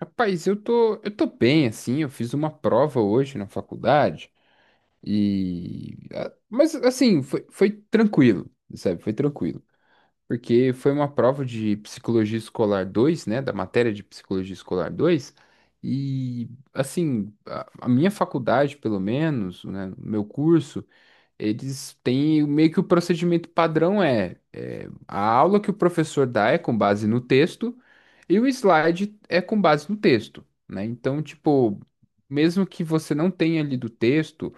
Rapaz, eu tô bem, assim, eu fiz uma prova hoje na faculdade. Mas, assim, foi tranquilo, sabe? Foi tranquilo. Porque foi uma prova de Psicologia Escolar dois, né? Da matéria de Psicologia Escolar 2 e, assim, a minha faculdade, pelo menos, né? O meu curso, eles têm meio que o procedimento padrão A aula que o professor dá é com base no texto e o slide é com base no texto, né? Então, tipo, mesmo que você não tenha lido o texto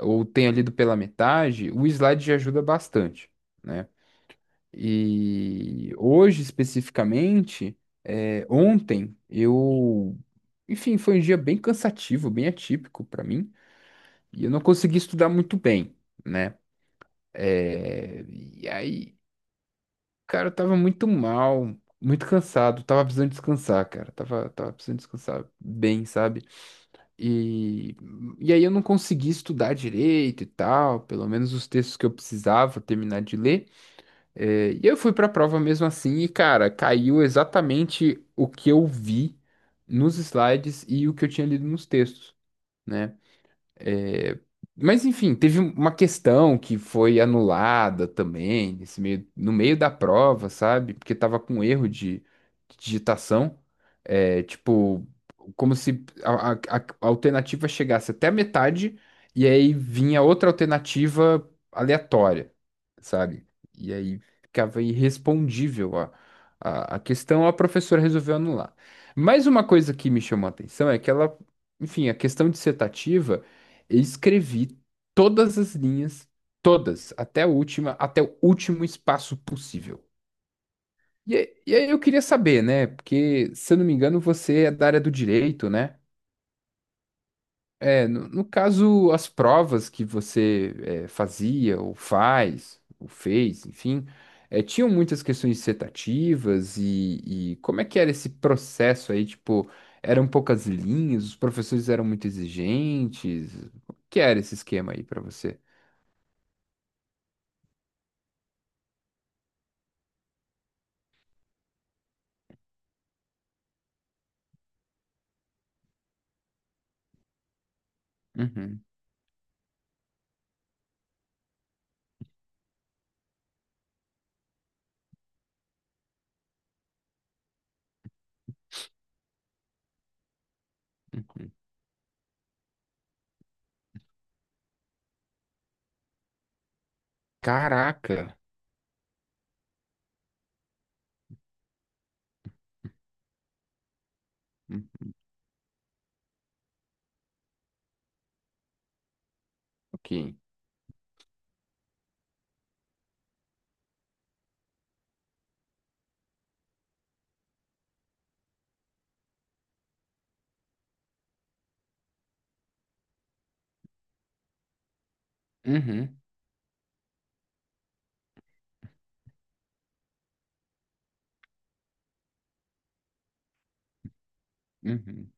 ou tenha lido pela metade, o slide já ajuda bastante, né? E hoje, especificamente, ontem eu, enfim, foi um dia bem cansativo, bem atípico para mim, e eu não consegui estudar muito bem, né? E aí, cara, eu tava muito mal, muito cansado, tava precisando descansar, cara. Tava precisando descansar bem, sabe? E, e aí eu não consegui estudar direito e tal, pelo menos os textos que eu precisava terminar de ler. E eu fui pra prova mesmo assim, e, cara, caiu exatamente o que eu vi nos slides e o que eu tinha lido nos textos. Né? É, mas enfim, teve uma questão que foi anulada também, nesse meio, no meio da prova, sabe? Porque tava com erro de digitação. Tipo, como se a alternativa chegasse até a metade e aí vinha outra alternativa aleatória, sabe? E aí ficava irrespondível a questão, a professora resolveu anular. Mas uma coisa que me chamou a atenção é que ela, enfim, a questão dissertativa. Eu escrevi todas as linhas, todas, até a última, até o último espaço possível. E aí eu queria saber, né? Porque, se eu não me engano, você é da área do direito, né? É, no caso, as provas que você fazia, ou faz, ou fez, enfim, tinham muitas questões dissertativas e como é que era esse processo aí? Tipo, eram poucas linhas, os professores eram muito exigentes. Como que era esse esquema aí para você? Uhum. Caraca. Hum, Ok. Uhum. Uhum.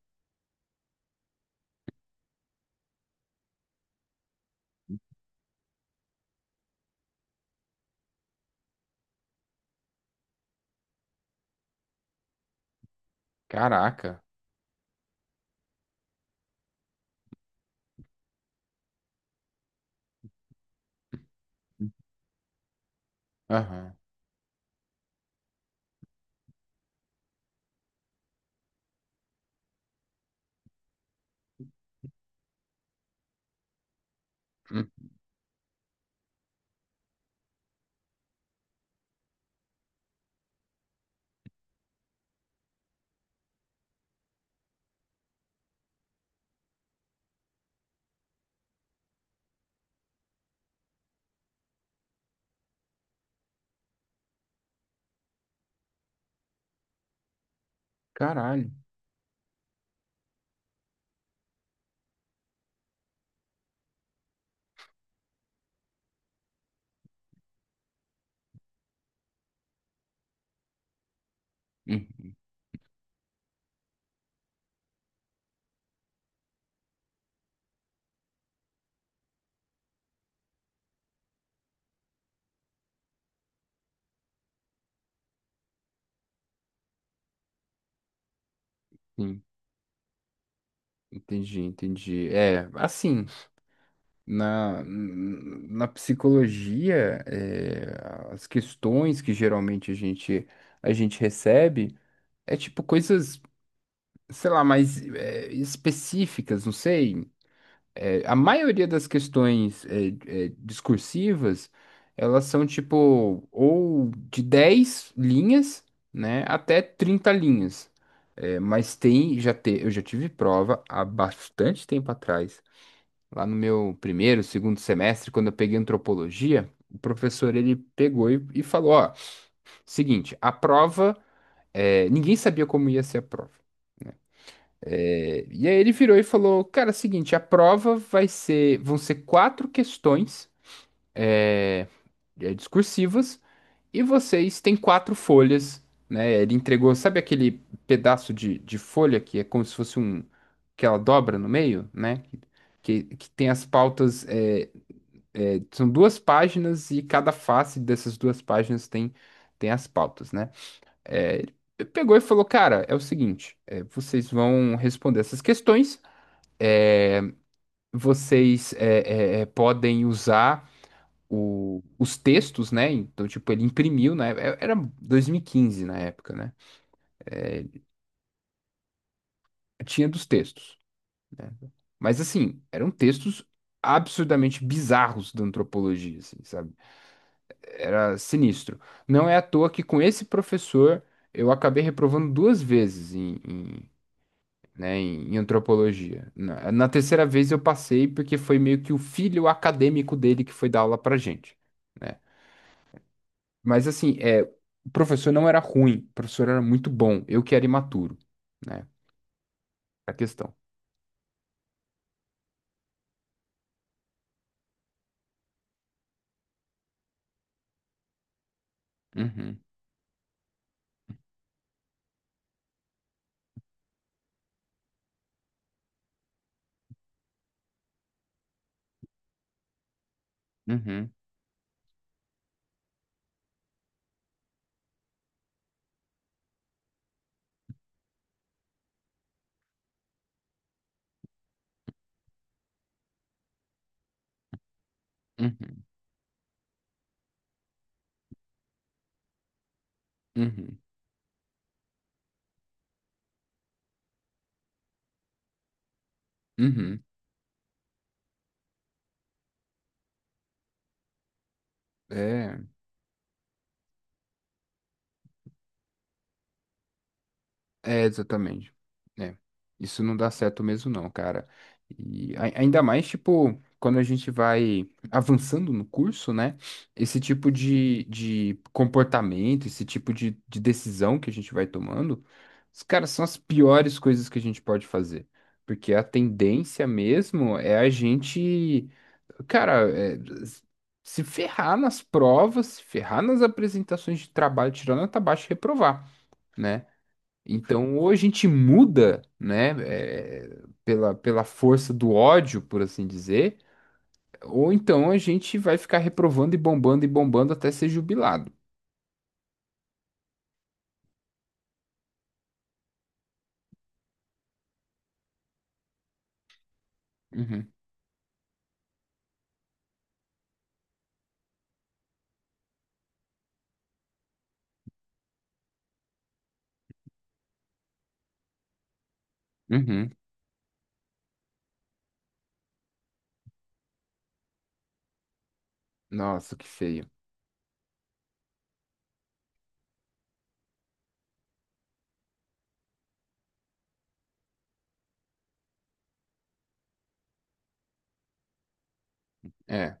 Caraca. Aham. Hum, caralho. Uhum. Sim. Entendi, entendi. Assim, na psicologia, é, as questões que geralmente a gente recebe é tipo coisas, sei lá, mais específicas, não sei. A maioria das questões é discursivas, elas são tipo ou de 10 linhas, né, até 30 linhas. Mas eu já tive prova há bastante tempo atrás, lá no meu primeiro, segundo semestre, quando eu peguei antropologia, o professor ele pegou e falou, ó, seguinte, a prova, é, ninguém sabia como ia ser a prova. E aí ele virou e falou: Cara, é o seguinte, a prova vão ser quatro questões é, discursivas e vocês têm quatro folhas, né? Ele entregou, sabe aquele pedaço de folha que é como se fosse um que ela dobra no meio, né? Que tem as pautas, são duas páginas e cada face dessas duas páginas tem as pautas, né? É, ele pegou e falou: Cara, é o seguinte, é, vocês vão responder essas questões. Vocês podem usar os textos, né? Então, tipo, ele imprimiu, né? Era 2015 na época, né? Tinha dos textos, né? Mas, assim, eram textos absurdamente bizarros da antropologia, assim, sabe? Era sinistro. Não é à toa que com esse professor eu acabei reprovando duas vezes né, em antropologia. Na terceira vez eu passei porque foi meio que o filho acadêmico dele que foi dar aula pra gente. Né? Mas assim, é, o professor não era ruim, o professor era muito bom, eu que era imaturo, né? A questão. Uhum, uhum, uhum, uhum, uhum. É. É, exatamente. É. Isso não dá certo mesmo, não, cara. E ai- ainda mais, tipo, quando a gente vai avançando no curso, né? Esse tipo de comportamento, esse tipo de decisão que a gente vai tomando, os caras são as piores coisas que a gente pode fazer. Porque a tendência mesmo é a gente, cara, é, se ferrar nas provas, se ferrar nas apresentações de trabalho, tirando nota baixa e reprovar. Né? Então, ou a gente muda, né, eh, pela, pela força do ódio, por assim dizer, ou então a gente vai ficar reprovando e bombando até ser jubilado. Uhum, uhum. Nossa, que feio. É,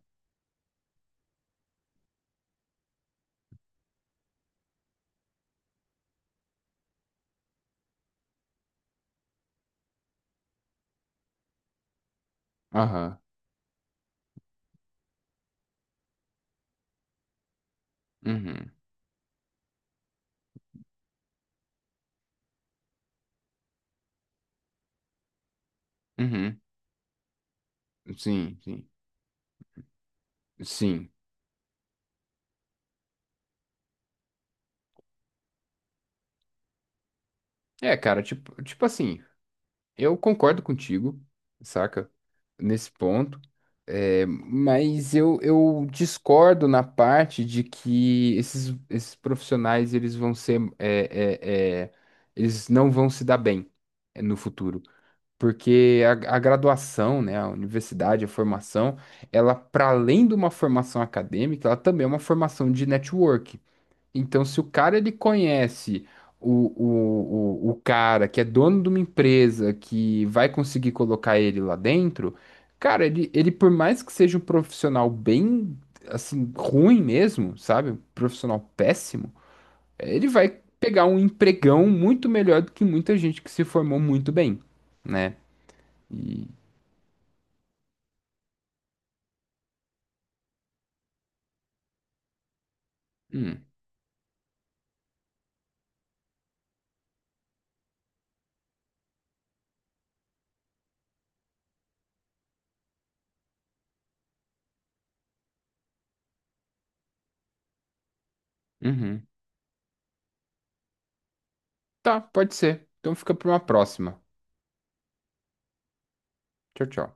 aham, uhum, uhum. Sim, sim, sim. É, cara, tipo assim. Eu concordo contigo, saca? Nesse ponto. É, mas eu discordo na parte de que esses profissionais eles vão ser eles não vão se dar bem é, no futuro. Porque a graduação, né, a universidade, a formação, ela, para além de uma formação acadêmica, ela também é uma formação de network. Então, se o cara ele conhece o cara que é dono de uma empresa que vai conseguir colocar ele lá dentro, cara, ele por mais que seja um profissional bem, assim, ruim mesmo, sabe? Um profissional péssimo, ele vai pegar um empregão muito melhor do que muita gente que se formou muito bem, né? E. Hum, uhum. Tá, pode ser. Então fica para uma próxima. Tchau, tchau.